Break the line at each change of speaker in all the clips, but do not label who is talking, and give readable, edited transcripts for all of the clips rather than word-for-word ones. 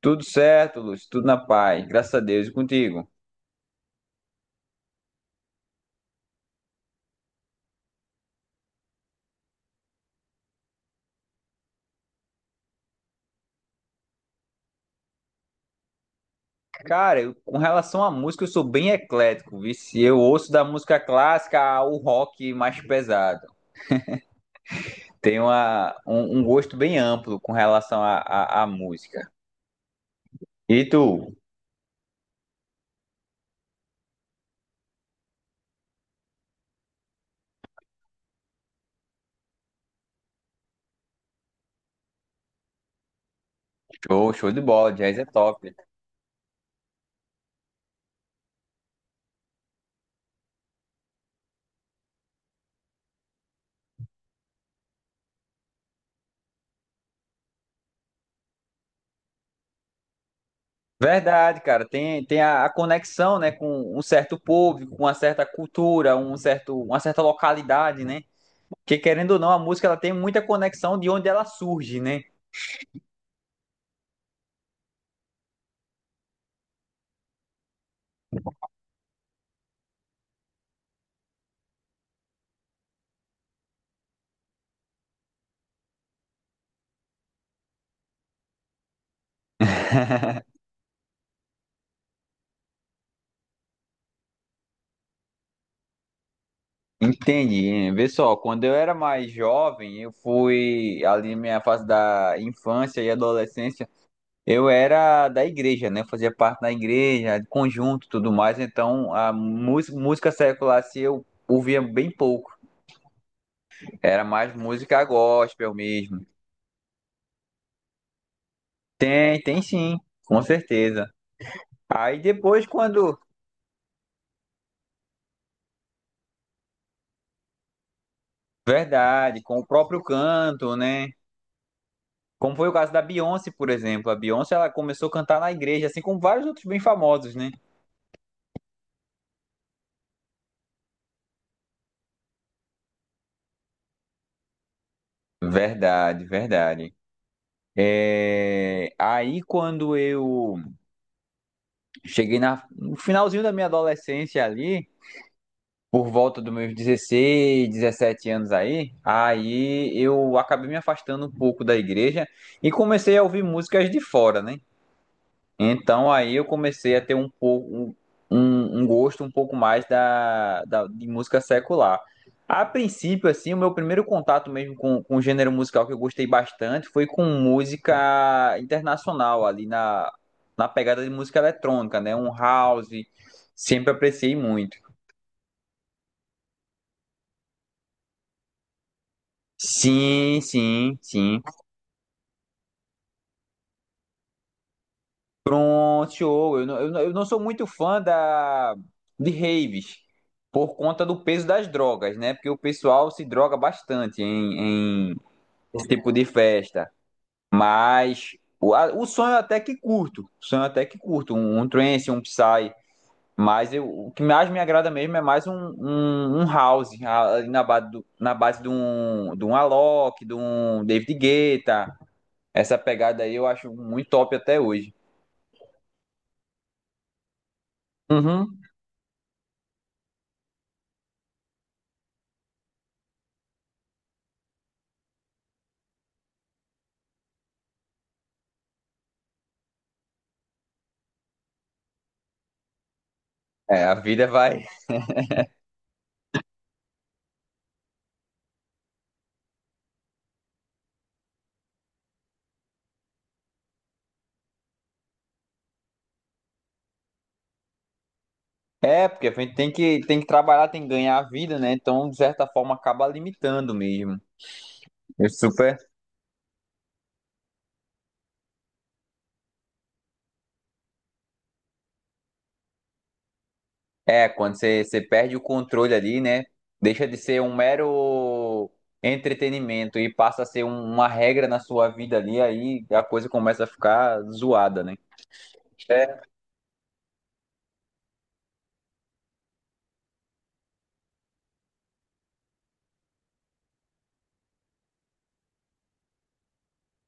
Tudo certo, Lúcio, tudo na paz, graças a Deus e contigo. Cara, com relação à música, eu sou bem eclético, vice. Eu ouço da música clássica ao rock mais pesado. Tenho um gosto bem amplo com relação à música. E tu? Show, show de bola, jazz é top. Verdade, cara, tem, tem a conexão, né, com um certo público, com uma certa cultura, uma certa localidade, né? Porque querendo ou não, a música ela tem muita conexão de onde ela surge, né? Entendi. Vê só, quando eu era mais jovem, eu fui ali minha fase da infância e adolescência, eu era da igreja, né? Eu fazia parte da igreja, de conjunto, e tudo mais. Então, música secular se eu ouvia bem pouco. Era mais música gospel mesmo. Tem, tem sim, com certeza. Aí depois quando, verdade, com o próprio canto, né? Como foi o caso da Beyoncé, por exemplo. A Beyoncé, ela começou a cantar na igreja, assim como vários outros bem famosos, né? Verdade, verdade. É, aí quando eu cheguei no finalzinho da minha adolescência ali, por volta dos meus 16, 17 anos aí, eu acabei me afastando um pouco da igreja e comecei a ouvir músicas de fora, né? Então aí eu comecei a ter um pouco um gosto um pouco mais de música secular. A princípio, assim, o meu primeiro contato mesmo com o gênero musical que eu gostei bastante foi com música internacional, na pegada de música eletrônica, né? Um house, sempre apreciei muito. Sim, sim, sim. Pronto, eu não sou muito fã de raves por conta do peso das drogas, né? Porque o pessoal se droga bastante em esse tipo de festa. Mas o sonho até que curto, o sonho até que curto, um trance, um psy. Mas eu, o que mais me agrada mesmo é mais um house, ali na base, na base de um Alok, de um David Guetta. Essa pegada aí eu acho muito top até hoje. Uhum. É, a vida vai. É, porque a gente tem que trabalhar, tem que ganhar a vida, né? Então, de certa forma, acaba limitando mesmo. É super. É, quando você, você perde o controle ali, né? Deixa de ser um mero entretenimento e passa a ser uma regra na sua vida ali, aí a coisa começa a ficar zoada, né? É.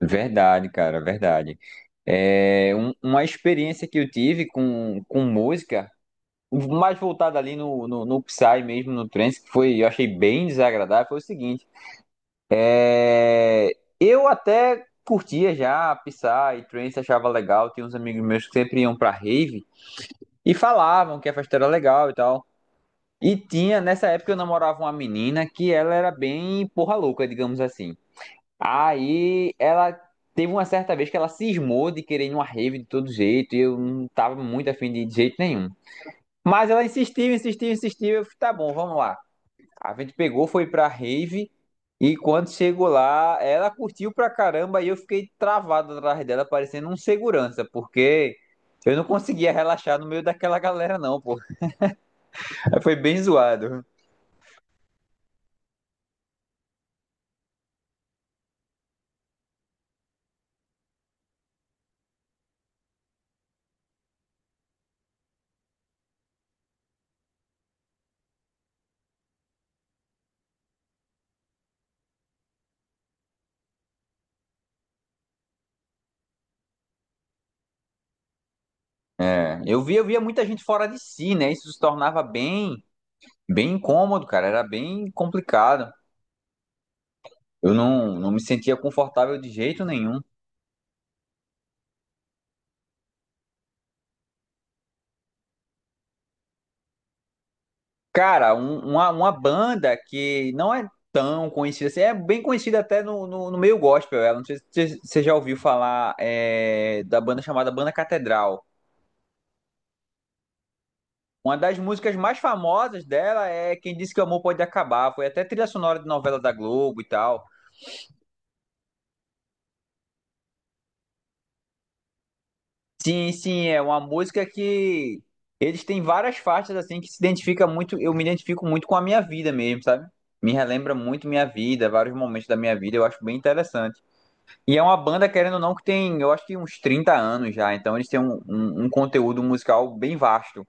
Verdade, cara, verdade. É uma experiência que eu tive com música, mais voltada ali no no Psy mesmo, no trance, que foi, eu achei bem desagradável, foi o seguinte. É, eu até curtia já Psy, Trance achava legal. Tinha uns amigos meus que sempre iam pra rave e falavam que a festa era legal e tal. E tinha, nessa época eu namorava uma menina que ela era bem porra louca, digamos assim. Aí ela teve uma certa vez que ela cismou de querer ir numa rave de todo jeito e eu não tava muito afim de ir de jeito nenhum. Mas ela insistiu, insistiu, insistiu. Eu falei, tá bom, vamos lá. A gente pegou, foi pra rave e quando chegou lá, ela curtiu pra caramba e eu fiquei travado atrás dela, parecendo um segurança, porque eu não conseguia relaxar no meio daquela galera, não, pô. Foi bem zoado. É, eu via, eu via muita gente fora de si, né? Isso se tornava bem, bem incômodo, cara. Era bem complicado. Eu não, não me sentia confortável de jeito nenhum. Cara, uma banda que não é tão conhecida assim, é bem conhecida até no meio gospel, ela. Não sei se você já ouviu falar é, da banda chamada Banda Catedral. Uma das músicas mais famosas dela é Quem Disse Que o Amor Pode Acabar. Foi até trilha sonora de novela da Globo e tal. Sim, sim, é uma música que eles têm várias faixas assim que se identifica muito, eu me identifico muito com a minha vida mesmo, sabe? Me relembra muito minha vida, vários momentos da minha vida, eu acho bem interessante. E é uma banda, querendo ou não, que tem, eu acho que uns 30 anos já, então eles têm um conteúdo musical bem vasto.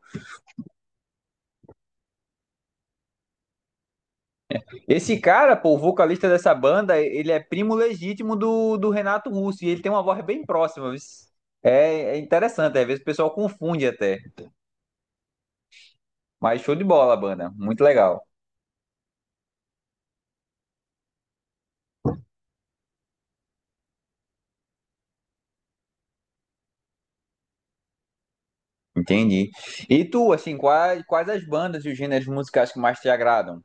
Esse cara, pô, o vocalista dessa banda, ele é primo legítimo do Renato Russo, e ele tem uma voz bem próxima, viu? É, é interessante, às vezes o pessoal confunde até. Mas show de bola a banda, muito legal. Entendi. E tu, assim, quais, quais as bandas e os gêneros musicais que mais te agradam?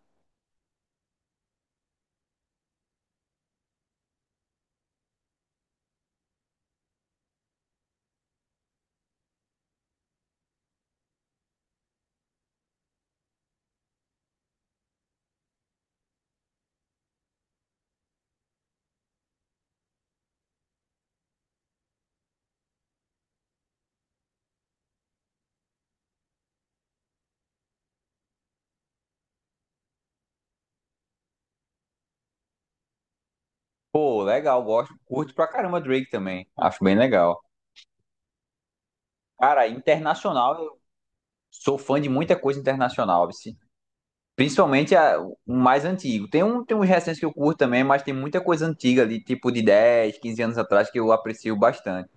Pô, legal, gosto, curto pra caramba Drake também, acho bem legal. Cara, internacional, sou fã de muita coisa internacional, vice. Principalmente o mais antigo. Tem, um, tem uns recentes que eu curto também, mas tem muita coisa antiga ali, tipo de 10, 15 anos atrás, que eu aprecio bastante.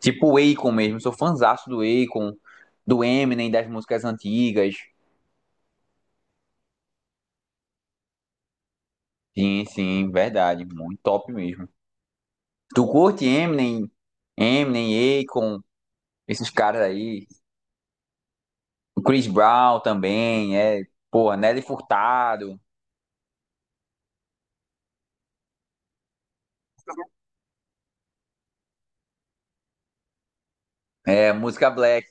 Tipo o Akon mesmo, sou fãzaço do Akon, do Eminem, das músicas antigas. Sim, sim, verdade, muito top mesmo. Tu curte Eminem, Eminem, Akon, esses caras aí. O Chris Brown também, é, porra, Nelly Furtado, é, música Black,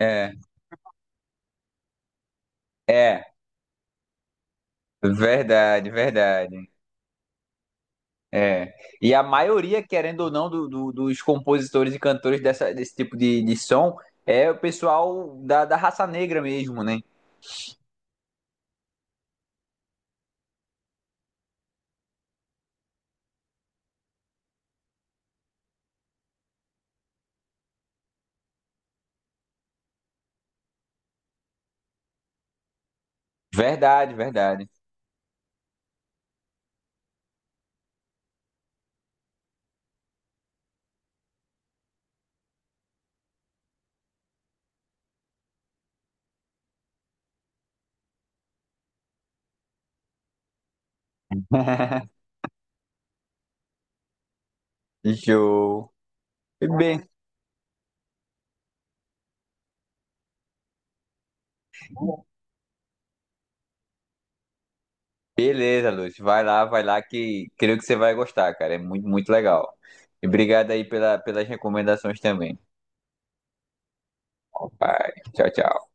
é, é. Verdade, verdade. É. E a maioria, querendo ou não, dos compositores e cantores desse tipo de som é o pessoal da raça negra mesmo, né? Verdade, verdade. Show. Bem, beleza, Lúcio. Vai lá, que creio que você vai gostar, cara. É muito, muito legal. E obrigado aí pela, pelas recomendações também. Vai. Tchau, tchau.